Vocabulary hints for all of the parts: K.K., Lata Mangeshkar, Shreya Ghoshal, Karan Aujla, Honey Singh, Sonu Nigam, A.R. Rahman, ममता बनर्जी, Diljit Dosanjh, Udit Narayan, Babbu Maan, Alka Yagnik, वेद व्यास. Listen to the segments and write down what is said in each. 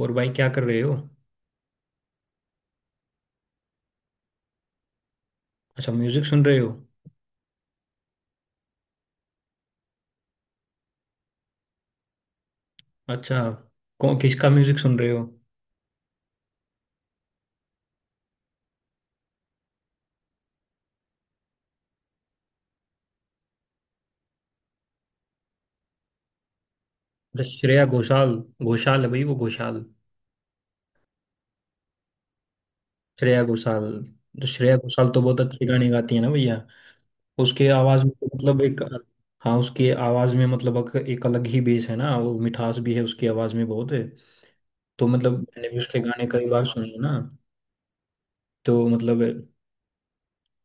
और भाई क्या कर रहे हो? अच्छा, म्यूजिक सुन रहे हो। अच्छा, कौन किसका म्यूजिक सुन रहे हो? अच्छा, श्रेया घोषाल। घोषाल है भाई, वो घोषाल। श्रेया घोषाल। तो श्रेया घोषाल तो बहुत अच्छे गाने गाती है ना भैया। उसके आवाज में तो मतलब एक। हाँ, उसके आवाज में मतलब एक अलग ही बेस है ना, वो मिठास भी है उसकी आवाज में बहुत है। तो मतलब मैंने भी उसके गाने कई बार सुने हैं ना। तो मतलब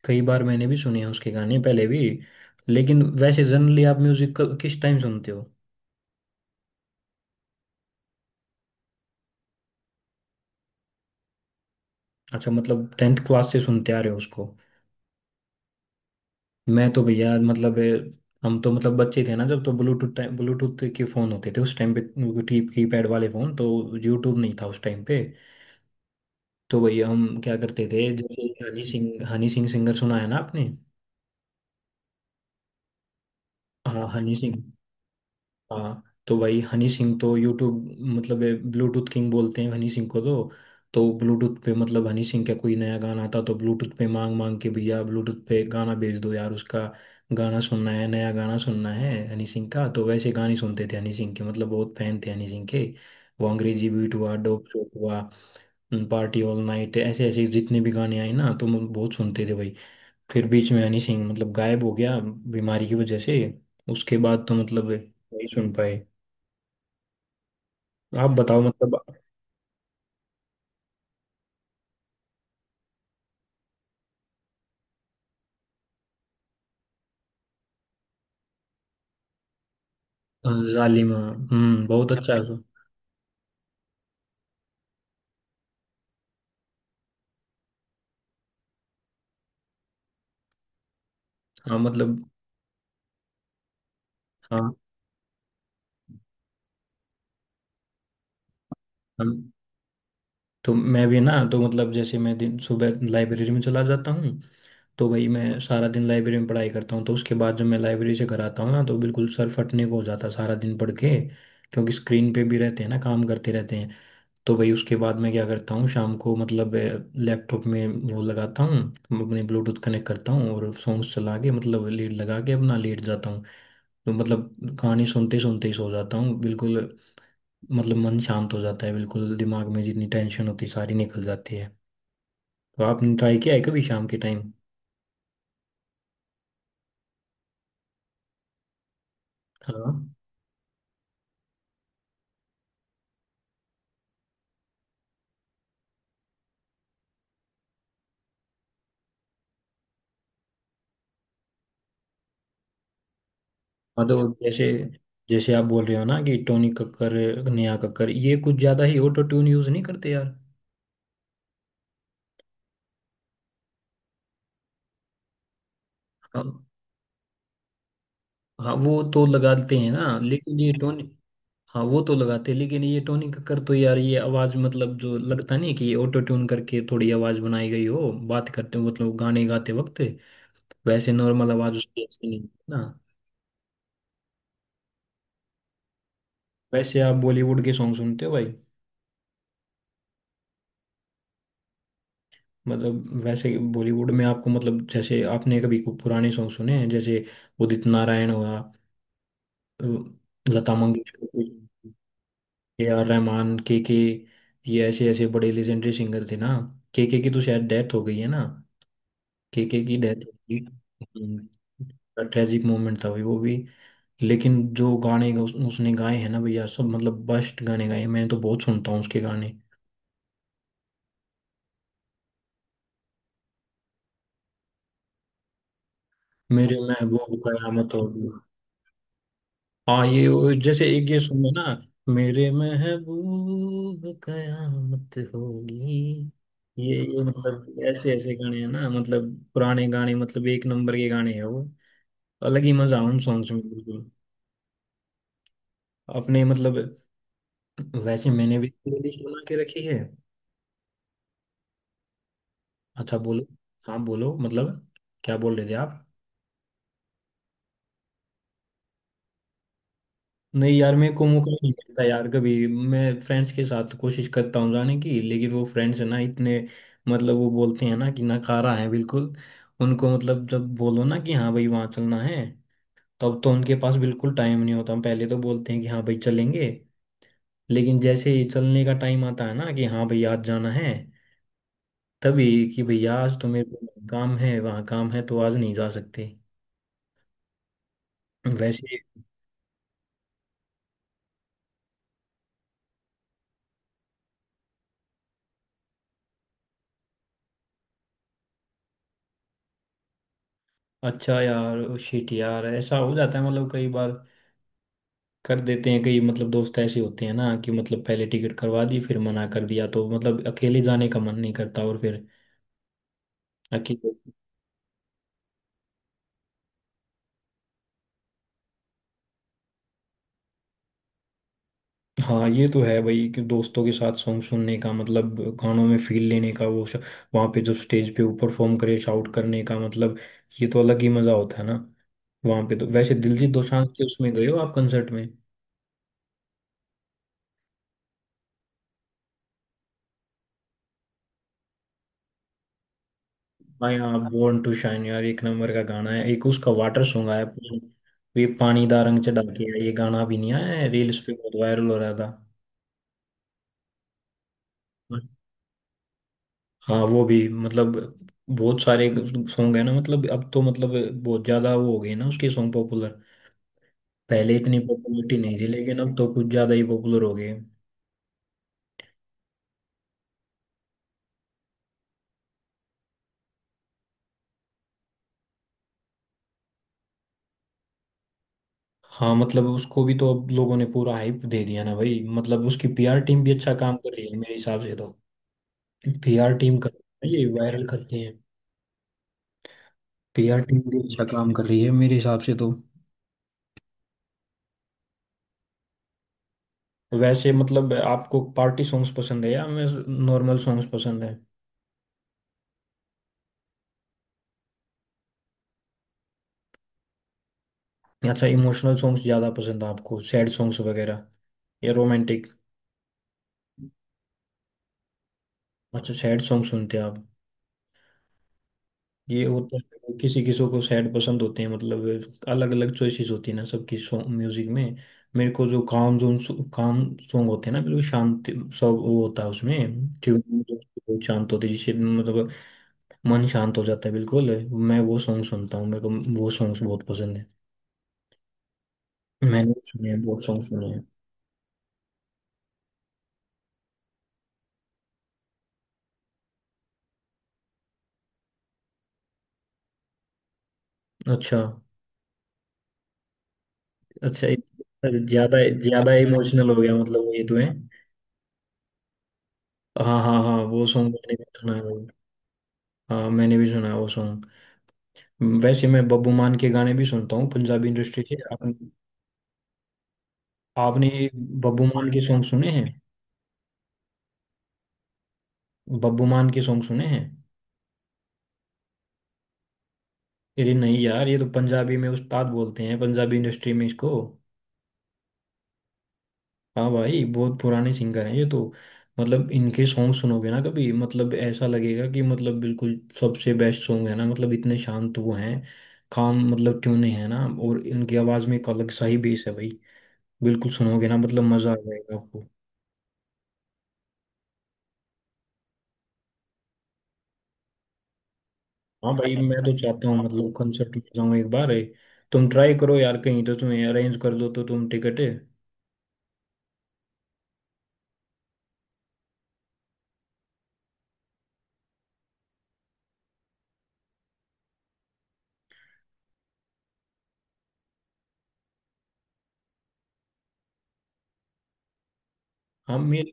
कई बार मैंने भी सुने हैं उसके गाने पहले भी। लेकिन वैसे जनरली आप म्यूजिक किस टाइम सुनते हो? अच्छा, मतलब टेंथ क्लास से सुनते आ रहे हो उसको। मैं तो भैया मतलब हम तो मतलब बच्चे थे ना, जब तो ब्लूटूथ टाइम ब्लूटूथ के फ़ोन होते थे उस टाइम पे, की पैड वाले फ़ोन तो। यूट्यूब नहीं था उस टाइम पे। तो भैया हम क्या करते थे, जब ये हनी सिंह सिंगर सुना है ना आपने? हाँ, हनी सिंह। हाँ, तो भाई हनी सिंह तो यूट्यूब मतलब ब्लूटूथ किंग बोलते हैं हनी सिंह को तो। तो ब्लूटूथ पे मतलब हनी सिंह का कोई नया गाना आता तो ब्लूटूथ पे मांग मांग के भैया ब्लूटूथ पे गाना भेज दो यार उसका। गाना सुनना है, नया गाना सुनना है हनी सिंह का, तो वैसे गाने सुनते थे हनी सिंह के, मतलब बहुत फैन थे हनी सिंह के। वो अंग्रेजी बीट हुआ, डोप शोप हुआ, पार्टी ऑल नाइट, ऐसे ऐसे जितने भी गाने आए ना तो हम बहुत सुनते थे भाई। फिर बीच में हनी सिंह मतलब गायब हो गया बीमारी की वजह से। उसके बाद तो मतलब नहीं सुन पाए। आप बताओ मतलब। जालिमा, हम्म, बहुत अच्छा है वो। हाँ मतलब। हाँ। हम। तो मैं भी ना तो मतलब जैसे मैं दिन सुबह लाइब्रेरी में चला जाता हूँ। तो भाई मैं सारा दिन लाइब्रेरी में पढ़ाई करता हूँ तो उसके बाद जब मैं लाइब्रेरी से घर आता हूँ ना, तो बिल्कुल सर फटने को हो जाता है सारा दिन पढ़ के। क्योंकि स्क्रीन पे भी रहते हैं ना, काम करते रहते हैं। तो भाई उसके बाद मैं क्या करता हूँ शाम को मतलब लैपटॉप में वो लगाता हूँ, अपने ब्लूटूथ कनेक्ट करता हूँ और सॉन्ग्स चला के मतलब लेट लगा के अपना लेट जाता हूँ। तो मतलब कहानी सुनते सुनते ही सो जाता हूँ बिल्कुल। मतलब मन शांत हो जाता है बिल्कुल, दिमाग में जितनी टेंशन होती है सारी निकल जाती है। तो आपने ट्राई किया है कभी शाम के टाइम? हाँ। हाँ। तो जैसे, जैसे आप बोल रहे हो ना कि टोनी कक्कर, नेहा कक्कर, ये कुछ ज़्यादा ही ऑटो ट्यून यूज़ नहीं करते यार? हाँ। हाँ वो तो लगाते हैं ना, लेकिन ये टोन। हाँ वो तो लगाते, लेकिन ये टोनी कक्कर तो यार, ये आवाज मतलब जो लगता नहीं है कि ये ऑटो ट्यून करके थोड़ी आवाज बनाई गई हो, बात करते हो मतलब गाने गाते वक्त। वैसे नॉर्मल आवाज उसकी ऐसी नहीं है ना। वैसे आप बॉलीवुड के सॉन्ग सुनते हो भाई? मतलब वैसे बॉलीवुड में आपको मतलब जैसे आपने कभी को पुराने सॉन्ग सुने हैं जैसे उदित नारायण हुआ, अ, लता मंगेशकर, के आर रहमान, के के। ये ऐसे ऐसे बड़े लेजेंडरी सिंगर थे ना। के की तो शायद डेथ हो गई है ना? केके की डेथ। ट्रेजिक मोमेंट था भाई वो भी। लेकिन जो गाने उसने गाए हैं ना भैया, सब मतलब बेस्ट गाने गाए हैं, मैं तो बहुत सुनता हूँ उसके गाने। मेरे महबूब कयामत होगी। हाँ, जैसे एक ये सुन लो ना। मेरे महबूब कयामत होगी। ये मतलब ऐसे ऐसे गाने हैं ना, मतलब पुराने गाने, मतलब एक नंबर के गाने हैं वो। अलग ही मजा है उन सॉन्ग्स में बिल्कुल। अपने मतलब वैसे मैंने भी प्लेलिस्ट बना के रखी है। अच्छा, बोलो। हाँ बोलो मतलब, क्या बोल रहे थे आप? नहीं यार, मेरे को मौका ही नहीं मिलता यार, कभी मैं फ्रेंड्स के साथ कोशिश करता हूँ जाने की, लेकिन वो फ्रेंड्स है ना इतने मतलब वो बोलते हैं ना कि नकारा है बिल्कुल। उनको मतलब जब बोलो ना कि हाँ भाई वहाँ चलना है, तब तो उनके पास बिल्कुल टाइम नहीं होता, पहले तो बोलते हैं कि हाँ भाई चलेंगे। लेकिन जैसे ही चलने का टाइम आता है ना कि हाँ भाई आज जाना है, तभी कि भैया आज तो मेरे को काम है, वहाँ काम है, तो आज नहीं जा सकते। वैसे। अच्छा यार, शिट यार, ऐसा हो जाता है मतलब कई बार कर देते हैं, कई मतलब दोस्त ऐसे होते हैं ना कि मतलब पहले टिकट करवा दी फिर मना कर दिया, तो मतलब अकेले जाने का मन नहीं करता, और फिर अकेले। हाँ ये तो है भाई कि दोस्तों के साथ सॉन्ग सुनने का मतलब, गानों में फील लेने का वो वहाँ पे जब स्टेज पे वो परफॉर्म करे, शाउट करने का मतलब, ये तो अलग ही मजा होता है ना। वहाँ पे तो वैसे दिलजीत दोसांझ के उसमें गए हो आप कंसर्ट में? आई आप, बोर्न टू शाइन यार एक नंबर का गाना है, एक उसका वाटर सॉन्ग आया, वे पानी दा रंग चढ़ा के आया, ये गाना भी नहीं आया है रील्स पे बहुत वायरल हो रहा था। हाँ वो भी मतलब बहुत सारे सॉन्ग है ना, मतलब अब तो मतलब बहुत ज्यादा वो हो गए ना उसके सॉन्ग पॉपुलर। पहले इतनी पॉपुलरिटी नहीं थी, लेकिन अब तो कुछ ज्यादा ही पॉपुलर हो गए। हाँ मतलब उसको भी तो अब लोगों ने पूरा हाइप दे दिया ना भाई, मतलब उसकी पीआर टीम भी अच्छा काम कर रही है मेरे हिसाब से तो। पीआर टीम कर, ये वायरल करते हैं, पीआर टीम भी अच्छा काम कर रही है मेरे हिसाब से तो। वैसे मतलब आपको पार्टी सॉन्ग्स पसंद है या मैं, नॉर्मल सॉन्ग्स पसंद है? या अच्छा, इमोशनल सॉन्ग्स ज़्यादा पसंद है आपको, सैड सॉन्ग्स वगैरह या रोमांटिक? अच्छा सैड सॉन्ग सुनते हैं आप। ये होता है किसी किसी को सैड पसंद होते हैं, मतलब अलग अलग चॉइसेस होती है ना सबकी सॉन्ग म्यूजिक में। मेरे को जो काम जोन काम सॉन्ग होते हैं ना, बिल्कुल शांति सब वो होता है उसमें, ट्यून शांत होती है जिससे मतलब मन शांत हो जाता है बिल्कुल। मैं वो सॉन्ग सुनता हूँ, मेरे को वो सॉन्ग्स बहुत पसंद है। मैंने भी सुने हैं, बहुत सॉन्ग सुने हैं। अच्छा। ज्यादा ज्यादा इमोशनल हो गया मतलब, ये तो है। हाँ हाँ हाँ, वो सॉन्ग मैंने भी सुना है भाई। हाँ मैंने भी सुना है वो सॉन्ग। वैसे मैं बब्बू मान के गाने भी सुनता हूँ पंजाबी इंडस्ट्री से आपने बब्बू मान के सॉन्ग सुने हैं? बब्बू मान के सॉन्ग सुने हैं? अरे नहीं यार, ये तो पंजाबी में उस्ताद बोलते हैं पंजाबी इंडस्ट्री में इसको। हाँ भाई बहुत पुराने सिंगर हैं ये तो। मतलब इनके सॉन्ग सुनोगे ना कभी, मतलब ऐसा लगेगा कि मतलब बिल्कुल सबसे बेस्ट सॉन्ग है ना, मतलब इतने शांत वो हैं, काम मतलब ट्यूने हैं ना, और इनकी आवाज़ में एक अलग सा ही बेस है भाई। बिल्कुल सुनोगे ना, मतलब मज़ा आ जाएगा आपको। हाँ भाई मैं तो चाहता हूँ मतलब कंसर्ट में जाऊँ एक बार है, तुम ट्राई करो यार कहीं तो तुम्हें अरेंज कर दो तो तुम टिकट। हाँ मिल।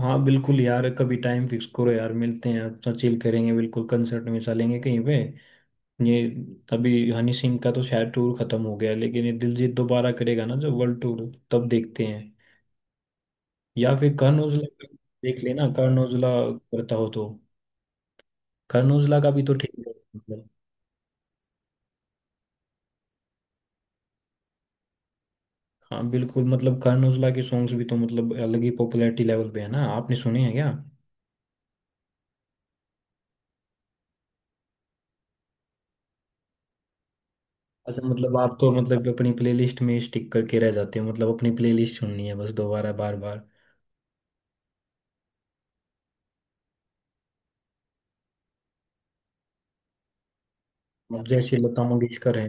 हाँ बिल्कुल यार, कभी टाइम फिक्स करो यार मिलते हैं, अपना चिल करेंगे बिल्कुल, कंसर्ट में चलेंगे कहीं पे। ये अभी हनी सिंह का तो शायद टूर खत्म हो गया, लेकिन ये दिलजीत दोबारा करेगा ना जो वर्ल्ड टूर, तब देखते हैं, या फिर करण औजला का। देख लेना करण औजला करता हो तो। करण औजला का भी तो ठीक है मतलब। हाँ बिल्कुल, मतलब करण औजला के सॉन्ग्स भी तो मतलब अलग ही पॉपुलैरिटी लेवल पे है ना, आपने सुने हैं क्या? अच्छा, मतलब आप तो मतलब अपनी प्लेलिस्ट में स्टिक करके रह जाते हो मतलब, अपनी प्लेलिस्ट सुननी है बस दोबारा बार बार। मतलब जैसे लता मंगेशकर है।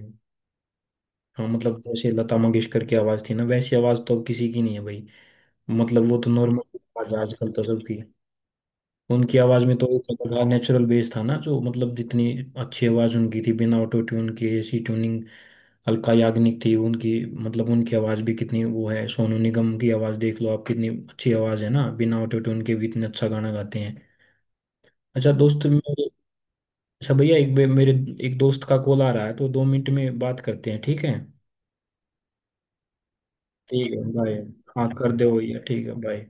हाँ मतलब जैसे लता मंगेशकर की आवाज़ थी ना, वैसी आवाज़ तो अब किसी की नहीं है भाई। मतलब वो तो नॉर्मल आवाज है आजकल तो सबकी। उनकी आवाज में तो एक अलग था, नेचुरल बेस था ना जो, मतलब जितनी अच्छी आवाज उनकी थी बिना ऑटो ट्यून के, ऐसी ट्यूनिंग। अलका याग्निक थी उनकी। मतलब उनकी आवाज भी कितनी वो है, सोनू निगम की आवाज देख लो आप, कितनी अच्छी आवाज है ना, बिना ऑटो ट्यून के भी इतने अच्छा गाना गाते हैं। अच्छा दोस्त मेरे। अच्छा भैया मेरे एक दोस्त का कॉल आ रहा है, तो 2 मिनट में बात करते हैं, ठीक है? ठीक है बाय। हाँ कर दो भैया, ठीक है बाय।